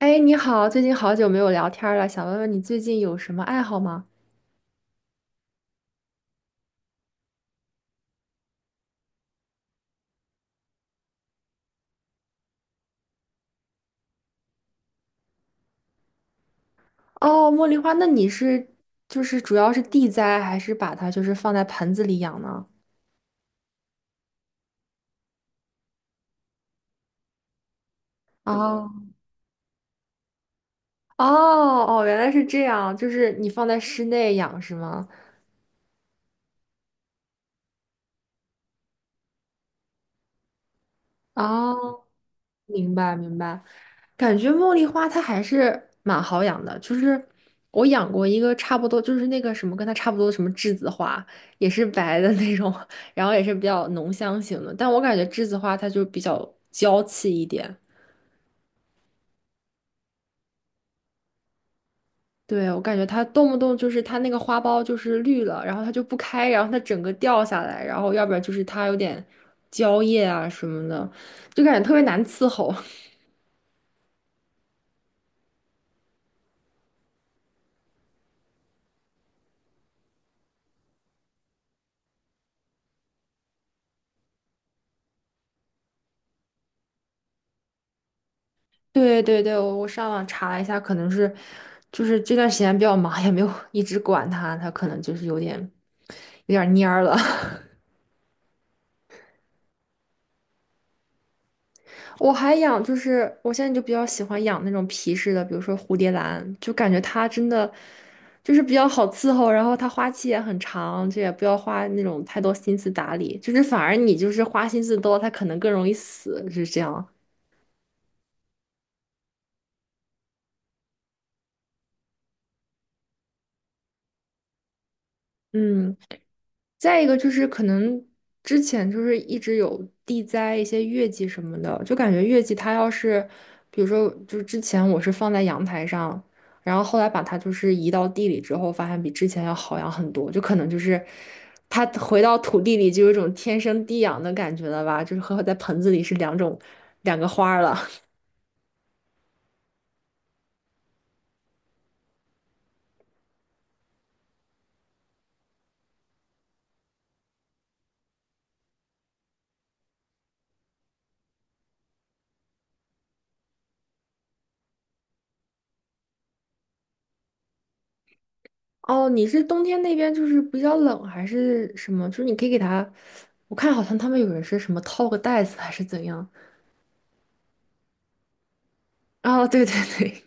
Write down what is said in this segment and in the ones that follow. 哎，你好，最近好久没有聊天儿了，想问问你最近有什么爱好吗？哦，茉莉花，那你是就是主要是地栽，还是把它就是放在盆子里养呢？哦哦哦，原来是这样，就是你放在室内养是吗？哦，明白明白。感觉茉莉花它还是蛮好养的，就是我养过一个差不多，就是那个什么跟它差不多的什么栀子花，也是白的那种，然后也是比较浓香型的，但我感觉栀子花它就比较娇气一点。对，我感觉它动不动就是它那个花苞就是绿了，然后它就不开，然后它整个掉下来，然后要不然就是它有点焦叶啊什么的，就感觉特别难伺候。对对对，我上网查了一下，可能是就是这段时间比较忙，也没有一直管它，它可能就是有点蔫儿了。我还养，就是我现在就比较喜欢养那种皮质的，比如说蝴蝶兰，就感觉它真的就是比较好伺候，然后它花期也很长，就也不要花那种太多心思打理，就是反而你就是花心思多，它可能更容易死，是这样。嗯。再一个就是可能之前就是一直有地栽一些月季什么的，就感觉月季它要是，比如说就是之前我是放在阳台上，然后后来把它就是移到地里之后，发现比之前要好养很多，就可能就是它回到土地里就有一种天生地养的感觉了吧，就是和在盆子里是两种两个花儿了。哦，你是冬天那边就是比较冷还是什么？就是你可以给它，我看好像他们有人是什么套个袋子还是怎样。哦，对对对，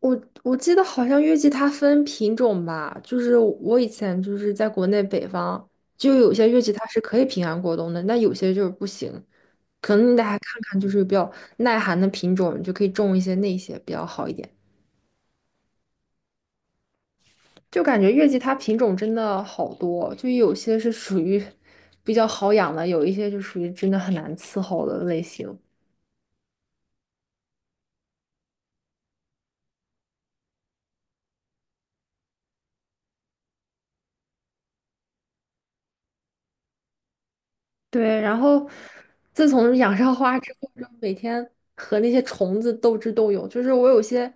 我记得好像月季它分品种吧，就是我以前就是在国内北方，就有些月季它是可以平安过冬的，那有些就是不行，可能你得还看看就是比较耐寒的品种，你就可以种一些那些比较好一点。就感觉月季它品种真的好多，就有些是属于比较好养的，有一些就属于真的很难伺候的类型。对，然后自从养上花之后，就每天和那些虫子斗智斗勇。就是我有些，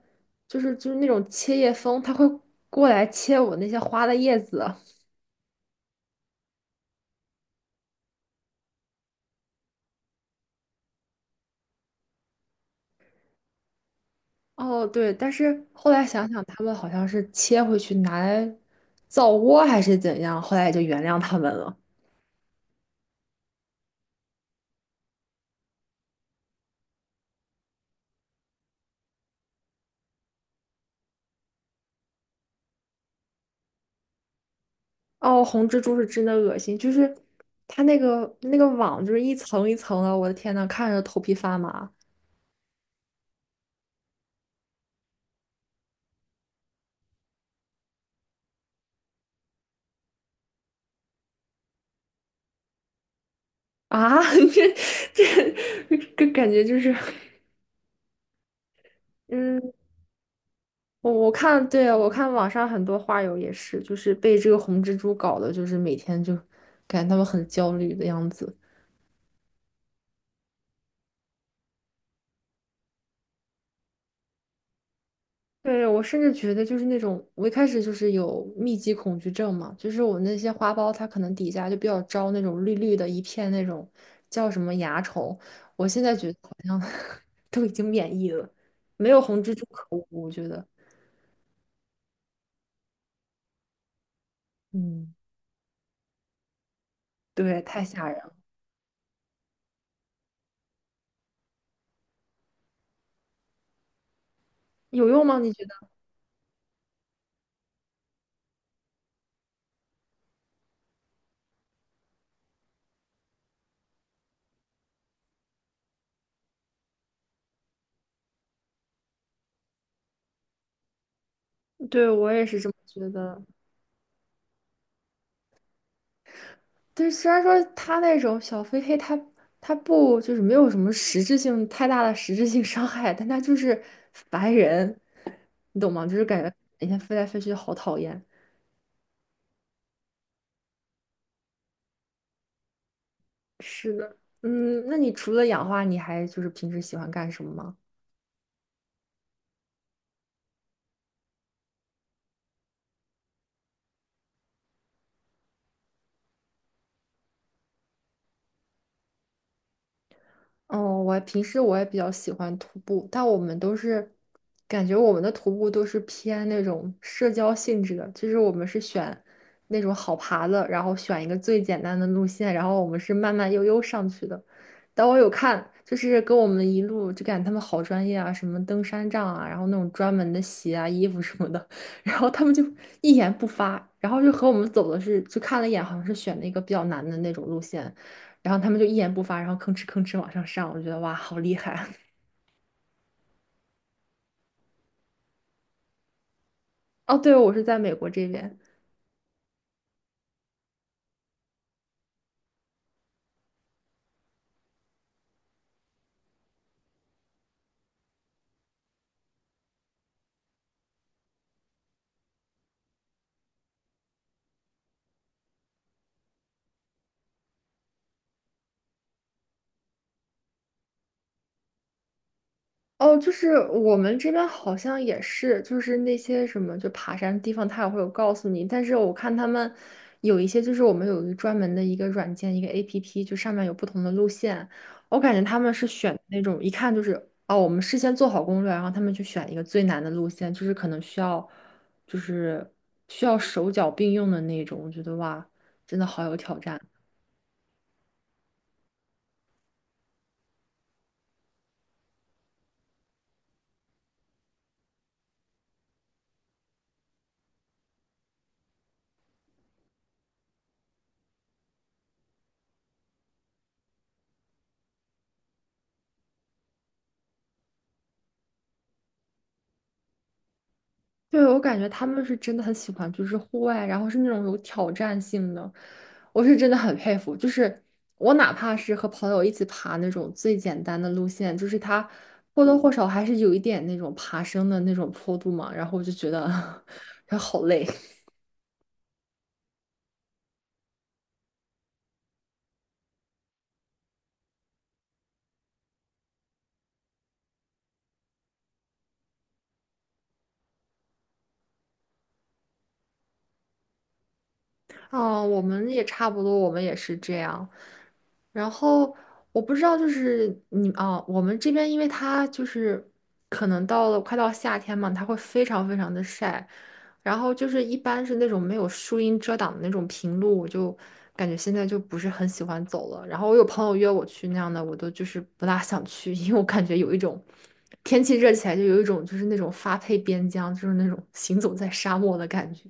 就是那种切叶蜂，它会过来切我那些花的叶子。哦，对，但是后来想想，它们好像是切回去拿来造窝还是怎样，后来也就原谅它们了。哦，红蜘蛛是真的恶心，就是它那个网就是一层一层的，我的天呐，看着头皮发麻啊！这这这感觉就是。嗯，我看，对，我看网上很多花友也是，就是被这个红蜘蛛搞的，就是每天就感觉他们很焦虑的样子。对，我甚至觉得就是那种，我一开始就是有密集恐惧症嘛，就是我那些花苞它可能底下就比较招那种绿绿的一片那种叫什么蚜虫，我现在觉得好像 都已经免疫了，没有红蜘蛛可恶，我觉得。嗯，对，太吓人了，有用吗？你觉得？对，我也是这么觉得。对，虽然说他那种小飞黑他不就是没有什么实质性太大的实质性伤害，但他就是烦人，你懂吗？就是感觉每天飞来飞去好讨厌。是的，嗯，那你除了养花，你还就是平时喜欢干什么吗？哦，我平时我也比较喜欢徒步，但我们都是感觉我们的徒步都是偏那种社交性质的，就是我们是选那种好爬的，然后选一个最简单的路线，然后我们是慢慢悠悠上去的。但我有看，就是跟我们一路就感觉他们好专业啊，什么登山杖啊，然后那种专门的鞋啊、衣服什么的，然后他们就一言不发，然后就和我们走的是，就看了一眼，好像是选了一个比较难的那种路线。然后他们就一言不发，然后吭哧吭哧往上上，我就觉得哇，好厉害！哦，对，我是在美国这边。哦，就是我们这边好像也是，就是那些什么就爬山的地方，他也会有告诉你。但是我看他们有一些，就是我们有一个专门的一个软件，一个 APP，就上面有不同的路线。我感觉他们是选那种一看就是哦，我们事先做好攻略，然后他们去选一个最难的路线，就是可能需要就是需要手脚并用的那种。我觉得哇，真的好有挑战。对，我感觉他们是真的很喜欢，就是户外，然后是那种有挑战性的，我是真的很佩服。就是我哪怕是和朋友一起爬那种最简单的路线，就是它或多或少还是有一点那种爬升的那种坡度嘛，然后我就觉得 好累。哦，我们也差不多，我们也是这样。然后我不知道，就是你啊，我们这边因为它就是可能到了快到夏天嘛，它会非常非常的晒，然后就是一般是那种没有树荫遮挡的那种平路，我就感觉现在就不是很喜欢走了。然后我有朋友约我去那样的，我都就是不大想去，因为我感觉有一种天气热起来就有一种就是那种发配边疆，就是那种行走在沙漠的感觉。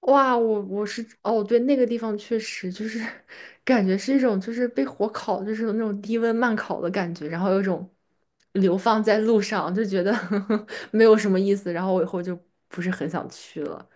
哇，我是哦，对，那个地方确实就是 感觉是一种就是被火烤，就是那种低温慢烤的感觉，然后有一种流放在路上，就觉得 没有什么意思，然后我以后就不是很想去了。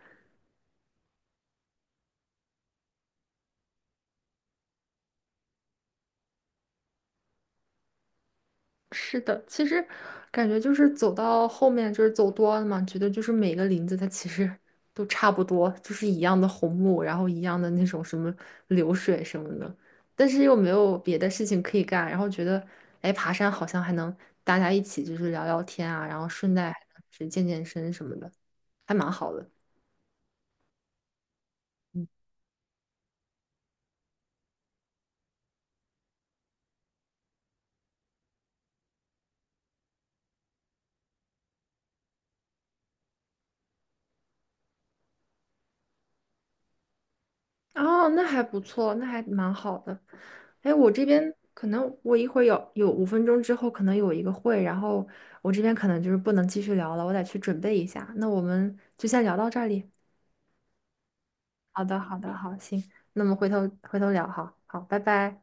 是的，其实感觉就是走到后面，就是走多了嘛，觉得就是每个林子它其实 都差不多，就是一样的红木，然后一样的那种什么流水什么的，但是又没有别的事情可以干，然后觉得，哎，爬山好像还能大家一起就是聊聊天啊，然后顺带还能是健健身什么的，还蛮好的。哦，那还不错，那还蛮好的。哎，我这边可能我一会儿有5分钟之后可能有一个会，然后我这边可能就是不能继续聊了，我得去准备一下。那我们就先聊到这里。好的，好的，好，行，那么回头聊哈，好，拜拜。